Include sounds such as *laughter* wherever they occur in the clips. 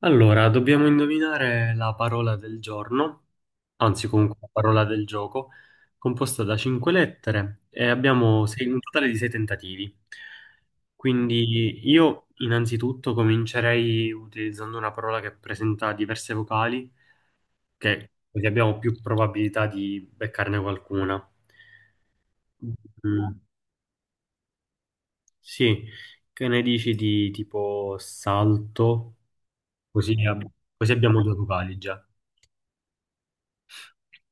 Allora, dobbiamo indovinare la parola del giorno, anzi comunque la parola del gioco, composta da cinque lettere e abbiamo un totale di sei tentativi. Quindi io innanzitutto comincerei utilizzando una parola che presenta diverse vocali, che così abbiamo più probabilità di beccarne qualcuna. Mm, sì, che ne dici di tipo salto? Così, così abbiamo due vocali già.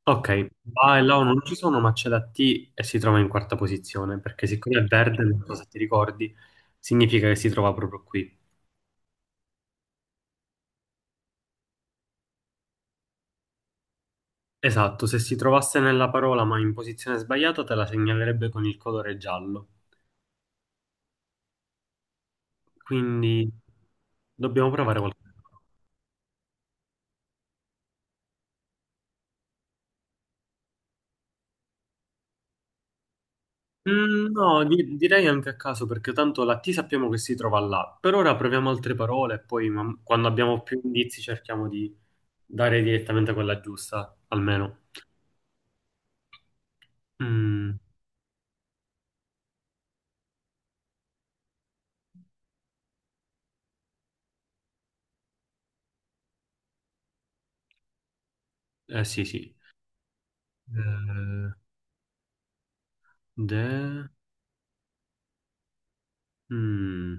Ok, va e là non ci sono, ma c'è la T e si trova in quarta posizione, perché siccome è verde, non so se ti ricordi, significa che si trova proprio qui. Esatto, se si trovasse nella parola ma in posizione sbagliata, te la segnalerebbe con il colore giallo. Quindi dobbiamo provare qualcosa. No, direi anche a caso, perché tanto la T sappiamo che si trova là. Per ora proviamo altre parole e poi quando abbiamo più indizi cerchiamo di dare direttamente quella giusta, almeno. Mm, sì, sì. Eh, de... mm,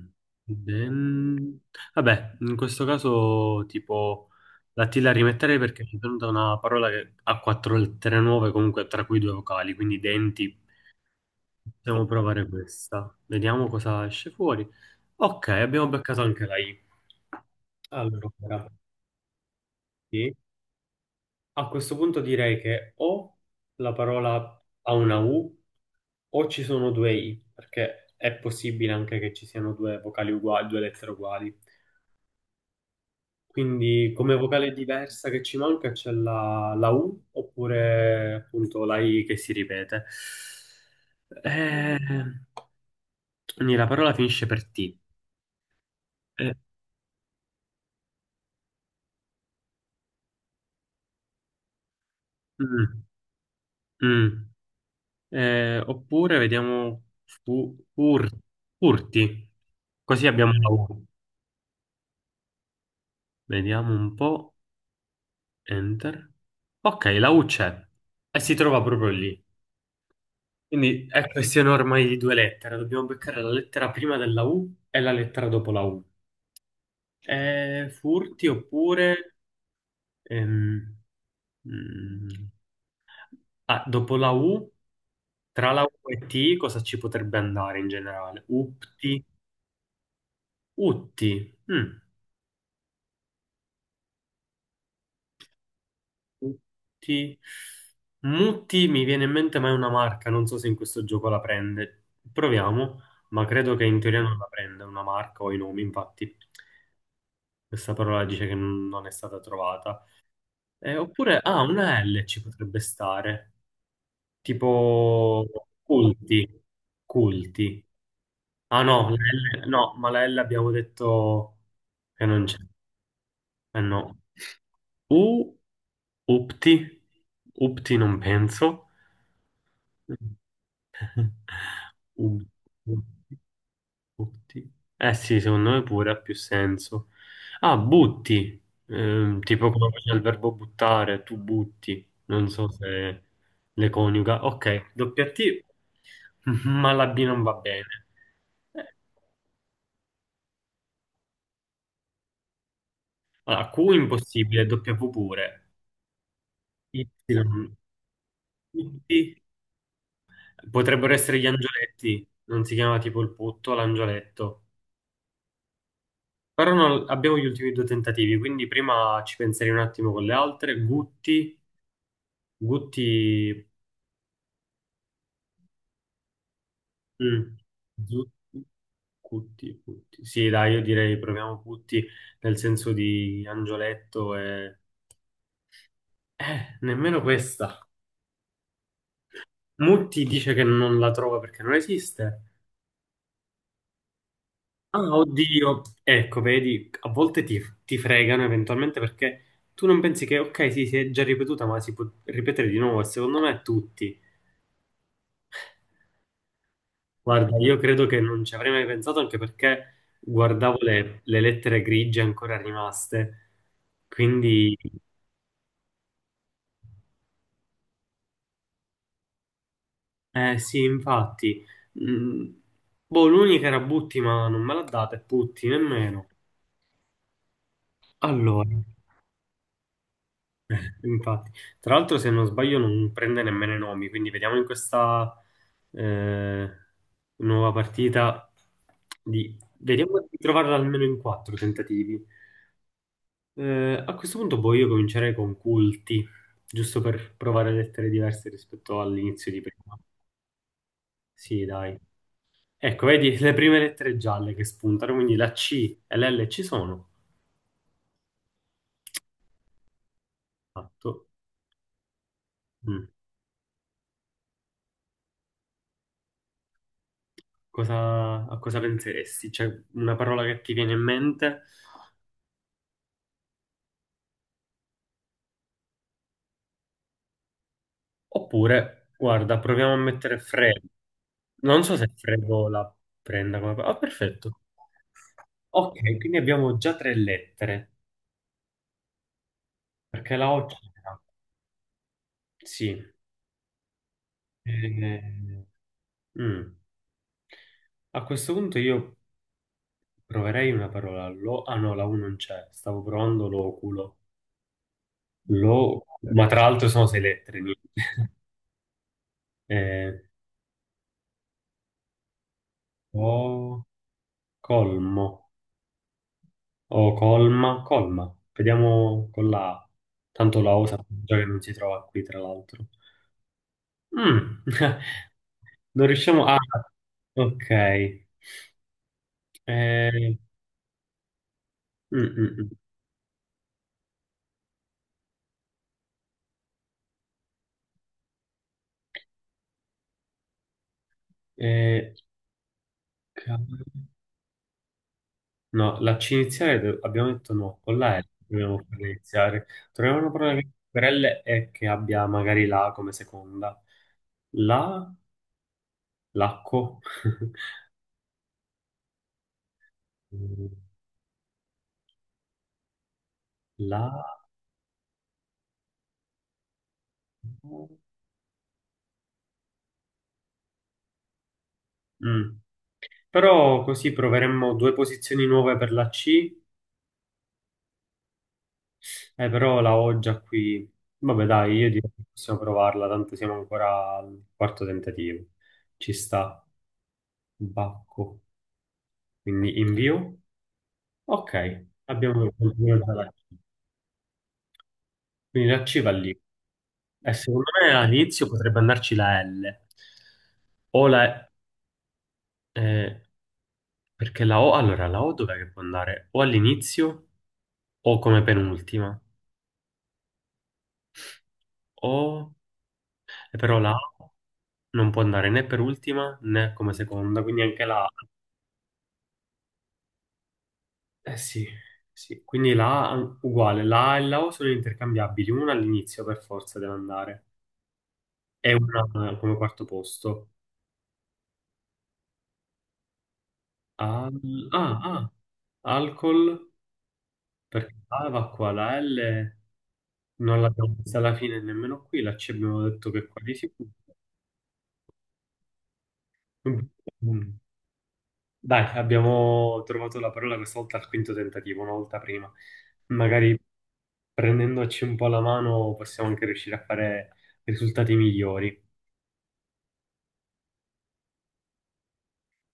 den- Vabbè, in questo caso tipo la T la rimetterei perché mi è venuta una parola che ha quattro lettere nuove, comunque tra cui due vocali, quindi denti. Possiamo provare questa. Vediamo cosa esce fuori. Ok, abbiamo beccato anche la I. Allora, ora, sì. A questo punto direi che o la parola ha una U o ci sono due I, perché è possibile anche che ci siano due vocali uguali, due lettere uguali. Quindi come vocale diversa che ci manca c'è la U oppure appunto la I che si ripete. Eh, quindi la parola finisce per T. Eh, mm, mm. Oppure vediamo fu- fur- furti, così abbiamo la U. Vediamo un po'. Enter. Ok, la U c'è e si trova proprio lì. Quindi è questione ormai di due lettere. Dobbiamo beccare la lettera prima della U e la lettera dopo la U. Furti oppure... ehm, mm, ah, dopo la U, tra la U e T, cosa ci potrebbe andare in generale? Upti, utti. Mm. Mutti. Mutti mi viene in mente, ma è una marca. Non so se in questo gioco la prende. Proviamo, ma credo che in teoria non la prenda una marca o i nomi, infatti. Questa parola dice che non è stata trovata. Oppure, ah, una L ci potrebbe stare. Tipo culti. Culti. Ah no, no, ma la L abbiamo detto che non c'è. Eh no. U, upti. Upti non penso. *laughs* Ut- Butti. Butti. Eh sì, secondo me pure ha più senso. Ah, butti. Tipo come c'è il verbo buttare, tu butti. Non so se le coniuga. Ok, doppia T, *laughs* ma la B non va bene. Eh, Allora, Q impossibile, W pure. Y, butti. Potrebbero essere gli angioletti. Non si chiama tipo il putto, l'angioletto. Però abbiamo gli ultimi due tentativi, quindi prima ci penserei un attimo con le altre. Gutti, Gutti, mm, Zutti, Gutti, Gutti. Sì, dai, io direi proviamo Gutti nel senso di Angioletto e... Nemmeno questa. Mutti dice che non la trova perché non esiste. Ah, oddio. Ecco, vedi, a volte ti fregano eventualmente perché tu non pensi che, ok, sì, si è già ripetuta, ma si può ripetere di nuovo, e secondo me tutti. Guarda, io credo che non ci avrei mai pensato anche perché guardavo le lettere grigie ancora rimaste. Quindi, eh sì, infatti. Mm, Boh, l'unica era Butti, ma non me l'ha data, e Putti nemmeno. Allora, *laughs* infatti. Tra l'altro, se non sbaglio, non prende nemmeno i nomi, quindi vediamo in questa eh, nuova partita di... Vediamo di trovarla almeno in quattro tentativi. A questo punto poi io comincerei con culti, giusto per provare lettere diverse rispetto all'inizio di prima. Sì, dai. Ecco, vedi *laughs* le prime lettere gialle che spuntano, quindi la C e l'L ci sono. Esatto. Mm. Cosa, a cosa penseresti? C'è una parola che ti viene in mente? Oppure, guarda, proviamo a mettere freddo. Non so se freddo la prenda come... parola. Ah, perfetto. Ok, quindi abbiamo già tre lettere, perché la O c'era. Sì. Eh, mm. A questo punto io proverei una parola. Lo, ah no, la U non c'è. Stavo provando l'oculo. Lo, ma tra l'altro sono sei lettere. Niente. *laughs* Eh, o colmo. O colma. Colma. Vediamo con la A. Tanto la O sappiamo già che non si trova qui, tra l'altro. Mm. *laughs* Non riusciamo a... Ok. Eh, mm, mm, mm. Eh, Cavolo. No, la C iniziale abbiamo detto no, con la L dobbiamo farla iniziare. Troviamo una parola che per L e che abbia magari la come seconda. La, lacco. *laughs* La. Mm. Però così proveremmo due posizioni nuove per la C, però la ho già qui. Vabbè, dai, io direi che possiamo provarla, tanto siamo ancora al quarto tentativo. Ci sta, bacco. Quindi invio. Ok, abbiamo continuato la C. Quindi la C va lì. E secondo me all'inizio potrebbe andarci la L. O la... eh, perché la O... Allora, la O dov'è che può andare? O all'inizio o come penultima. O... e però la O non può andare né per ultima né come seconda, quindi anche la A. Eh sì, sì. Quindi la A uguale. La A e la O sono intercambiabili. Una all'inizio per forza deve andare. E una come quarto posto. Ah, ah. Alcol. Perché A va qua, la L non l'abbiamo vista alla fine nemmeno qui, la C abbiamo detto che qua di sicuro. Mm. Dai, abbiamo trovato la parola questa volta al quinto tentativo, una volta prima. Magari prendendoci un po' la mano possiamo anche riuscire a fare risultati migliori.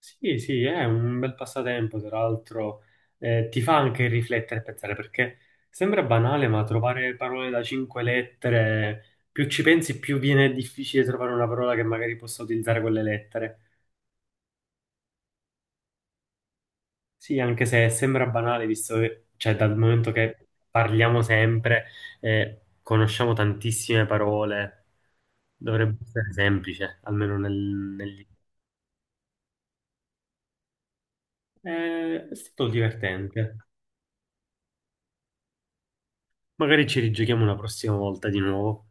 Sì, sì, è un bel passatempo, tra l'altro ti fa anche riflettere e pensare, perché sembra banale, ma trovare parole da cinque lettere, più ci pensi, più viene difficile trovare una parola che magari possa utilizzare quelle lettere. Sì, anche se sembra banale, visto che, cioè, dal momento che parliamo sempre, conosciamo tantissime parole, dovrebbe essere semplice, almeno nel... È stato divertente. Magari ci rigiochiamo una prossima volta di nuovo.